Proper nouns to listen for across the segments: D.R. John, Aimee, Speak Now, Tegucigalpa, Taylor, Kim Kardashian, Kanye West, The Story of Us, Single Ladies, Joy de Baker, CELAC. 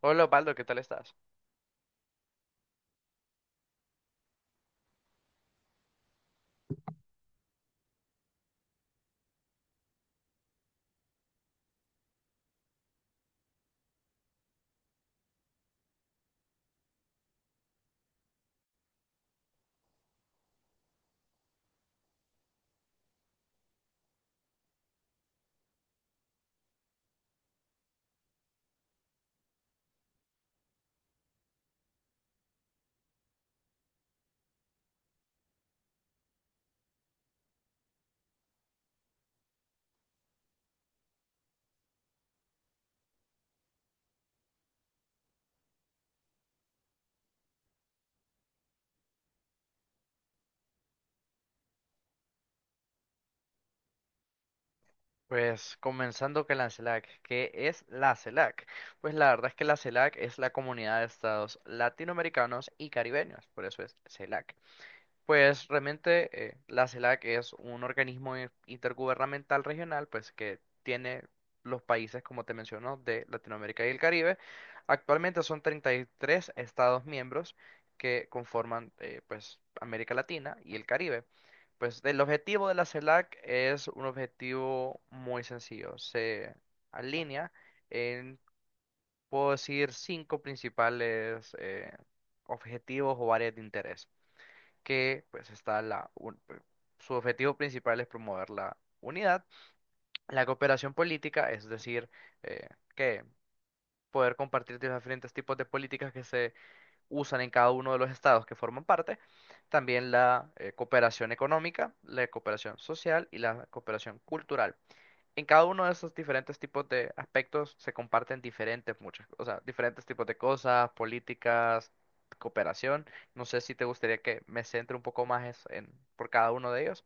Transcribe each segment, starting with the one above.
Hola Osvaldo, ¿qué tal estás? Pues comenzando con la CELAC. ¿Qué es la CELAC? Pues la verdad es que la CELAC es la comunidad de estados latinoamericanos y caribeños, por eso es CELAC. Pues realmente la CELAC es un organismo intergubernamental regional, pues que tiene los países, como te menciono, de Latinoamérica y el Caribe. Actualmente son 33 estados miembros que conforman pues América Latina y el Caribe. Pues el objetivo de la CELAC es un objetivo muy sencillo. Se alinea en, puedo decir, cinco principales objetivos o áreas de interés que pues está su objetivo principal es promover la unidad, la cooperación política, es decir, eh, que poder compartir diferentes tipos de políticas que se usan en cada uno de los estados que forman parte, también la cooperación económica, la cooperación social y la cooperación cultural. En cada uno de esos diferentes tipos de aspectos se comparten diferentes muchas, o sea, diferentes tipos de cosas, políticas, cooperación. No sé si te gustaría que me centre un poco más en, por cada uno de ellos.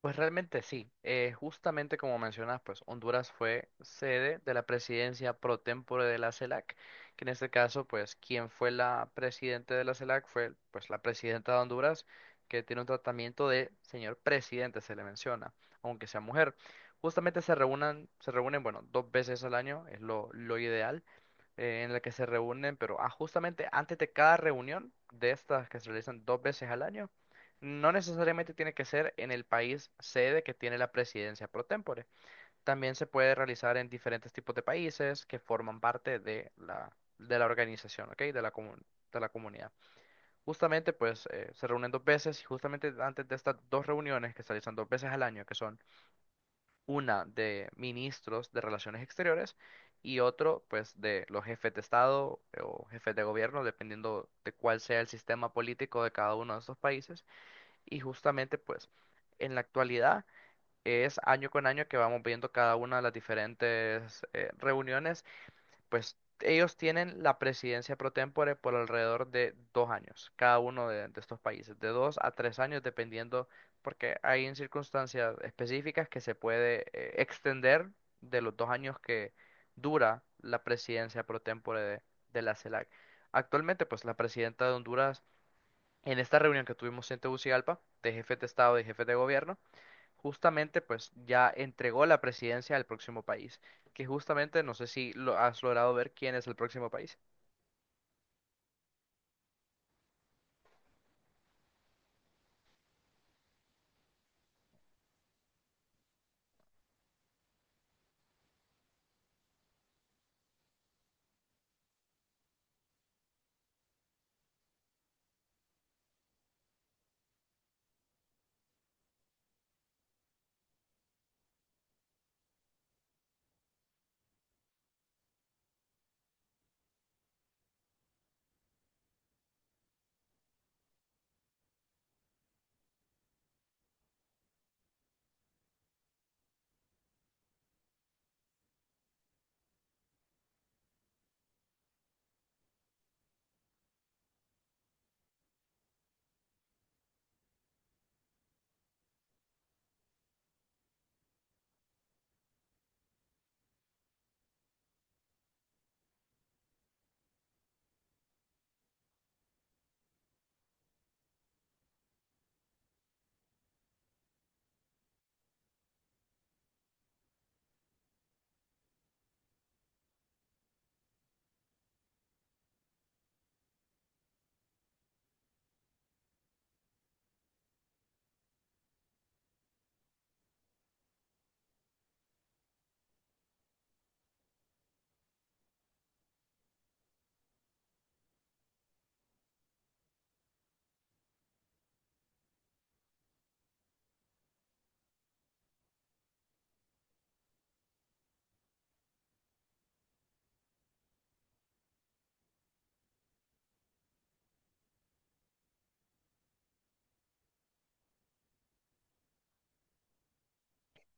Pues realmente sí, justamente como mencionas, pues Honduras fue sede de la presidencia pro tempore de la CELAC, que en este caso, pues quien fue la presidente de la CELAC fue pues la presidenta de Honduras, que tiene un tratamiento de señor presidente, se le menciona, aunque sea mujer. Se reúnen, bueno, dos veces al año, es lo ideal en la que se reúnen, pero justamente antes de cada reunión de estas que se realizan dos veces al año, no necesariamente tiene que ser en el país sede que tiene la presidencia pro tempore. También se puede realizar en diferentes tipos de países que forman parte de de la organización, ¿ok? De la comunidad. Justamente, pues, se reúnen dos veces y justamente antes de estas dos reuniones que se realizan dos veces al año, que son una de ministros de Relaciones Exteriores y otro pues de los jefes de Estado o jefes de gobierno, dependiendo de cuál sea el sistema político de cada uno de estos países. Y justamente pues en la actualidad es año con año que vamos viendo cada una de las diferentes reuniones. Pues ellos tienen la presidencia pro tempore por alrededor de dos años, cada uno de estos países, de dos a tres años, dependiendo, porque hay en circunstancias específicas que se puede extender de los dos años que dura la presidencia pro tempore de la CELAC. Actualmente, pues la presidenta de Honduras, en esta reunión que tuvimos en Tegucigalpa, de jefes de Estado y jefes de gobierno, justamente pues ya entregó la presidencia al próximo país, que justamente, no sé si lo has logrado ver quién es el próximo país.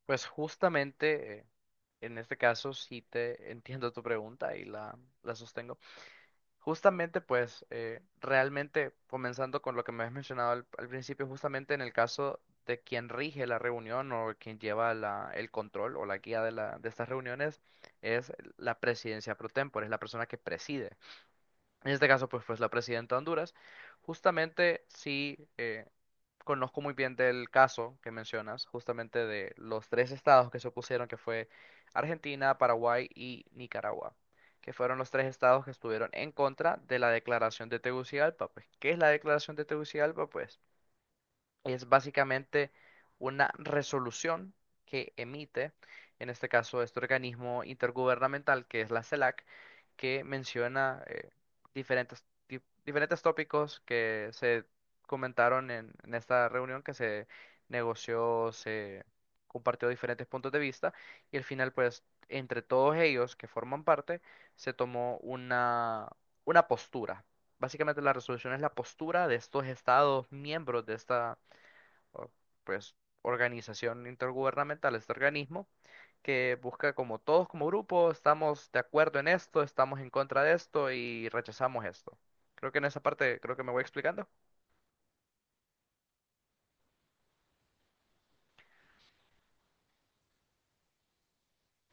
Pues justamente, en este caso sí te entiendo tu pregunta y la sostengo. Justamente pues realmente comenzando con lo que me has mencionado al principio, justamente en el caso de quien rige la reunión o quien lleva el control o la guía de, la, de estas reuniones es la presidencia pro tempore, es la persona que preside. En este caso, pues la presidenta de Honduras. Justamente sí, conozco muy bien del caso que mencionas, justamente de los tres estados que se opusieron, que fue Argentina, Paraguay y Nicaragua, que fueron los tres estados que estuvieron en contra de la declaración de Tegucigalpa. Pues, ¿qué es la declaración de Tegucigalpa? Pues es básicamente una resolución que emite, en este caso, este organismo intergubernamental que es la CELAC, que menciona diferentes, di- diferentes tópicos que se comentaron en esta reunión, que se negoció, se compartió diferentes puntos de vista y al final, pues, entre todos ellos que forman parte, se tomó una postura. Básicamente la resolución es la postura de estos estados miembros de esta o, pues, organización intergubernamental, este organismo, que busca como todos como grupo, estamos de acuerdo en esto, estamos en contra de esto y rechazamos esto. Creo que en esa parte, creo que me voy explicando.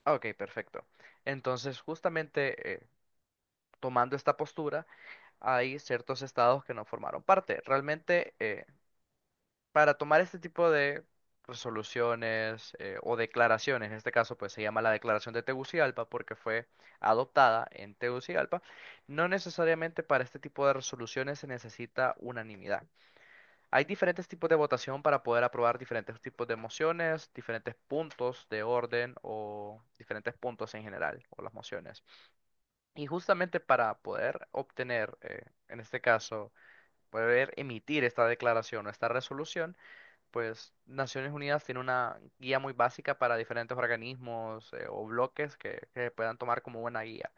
Ah, ok, perfecto. Entonces, justamente tomando esta postura, hay ciertos estados que no formaron parte. Realmente, para tomar este tipo de pues, soluciones o declaraciones, en este caso pues se llama la Declaración de Tegucigalpa porque fue adoptada en Tegucigalpa, no necesariamente para este tipo de resoluciones se necesita unanimidad. Hay diferentes tipos de votación para poder aprobar diferentes tipos de mociones, diferentes puntos de orden o diferentes puntos en general o las mociones. Y justamente para poder obtener, en este caso, poder emitir esta declaración o esta resolución, pues Naciones Unidas tiene una guía muy básica para diferentes organismos o bloques que puedan tomar como buena guía.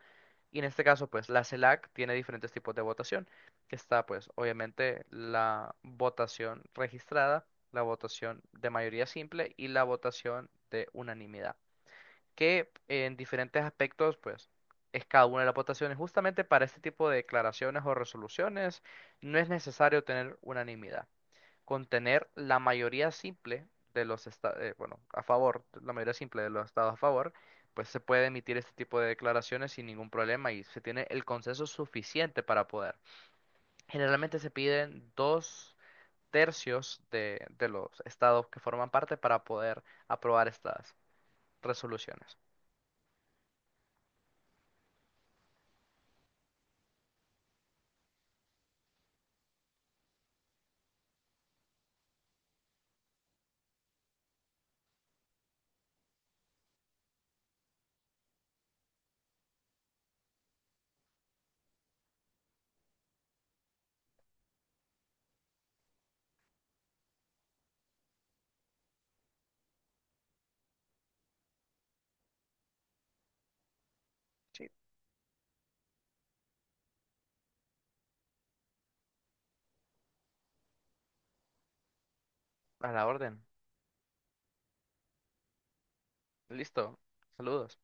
Y en este caso, pues la CELAC tiene diferentes tipos de votación, que está pues obviamente la votación registrada, la votación de mayoría simple y la votación de unanimidad, que en diferentes aspectos pues es cada una de las votaciones. Justamente para este tipo de declaraciones o resoluciones no es necesario tener unanimidad, contener la mayoría simple de los estados, bueno, a favor, la mayoría simple de los estados a favor, pues se puede emitir este tipo de declaraciones sin ningún problema y se tiene el consenso suficiente para poder. Generalmente se piden dos tercios de los estados que forman parte para poder aprobar estas resoluciones. A la orden. Listo. Saludos.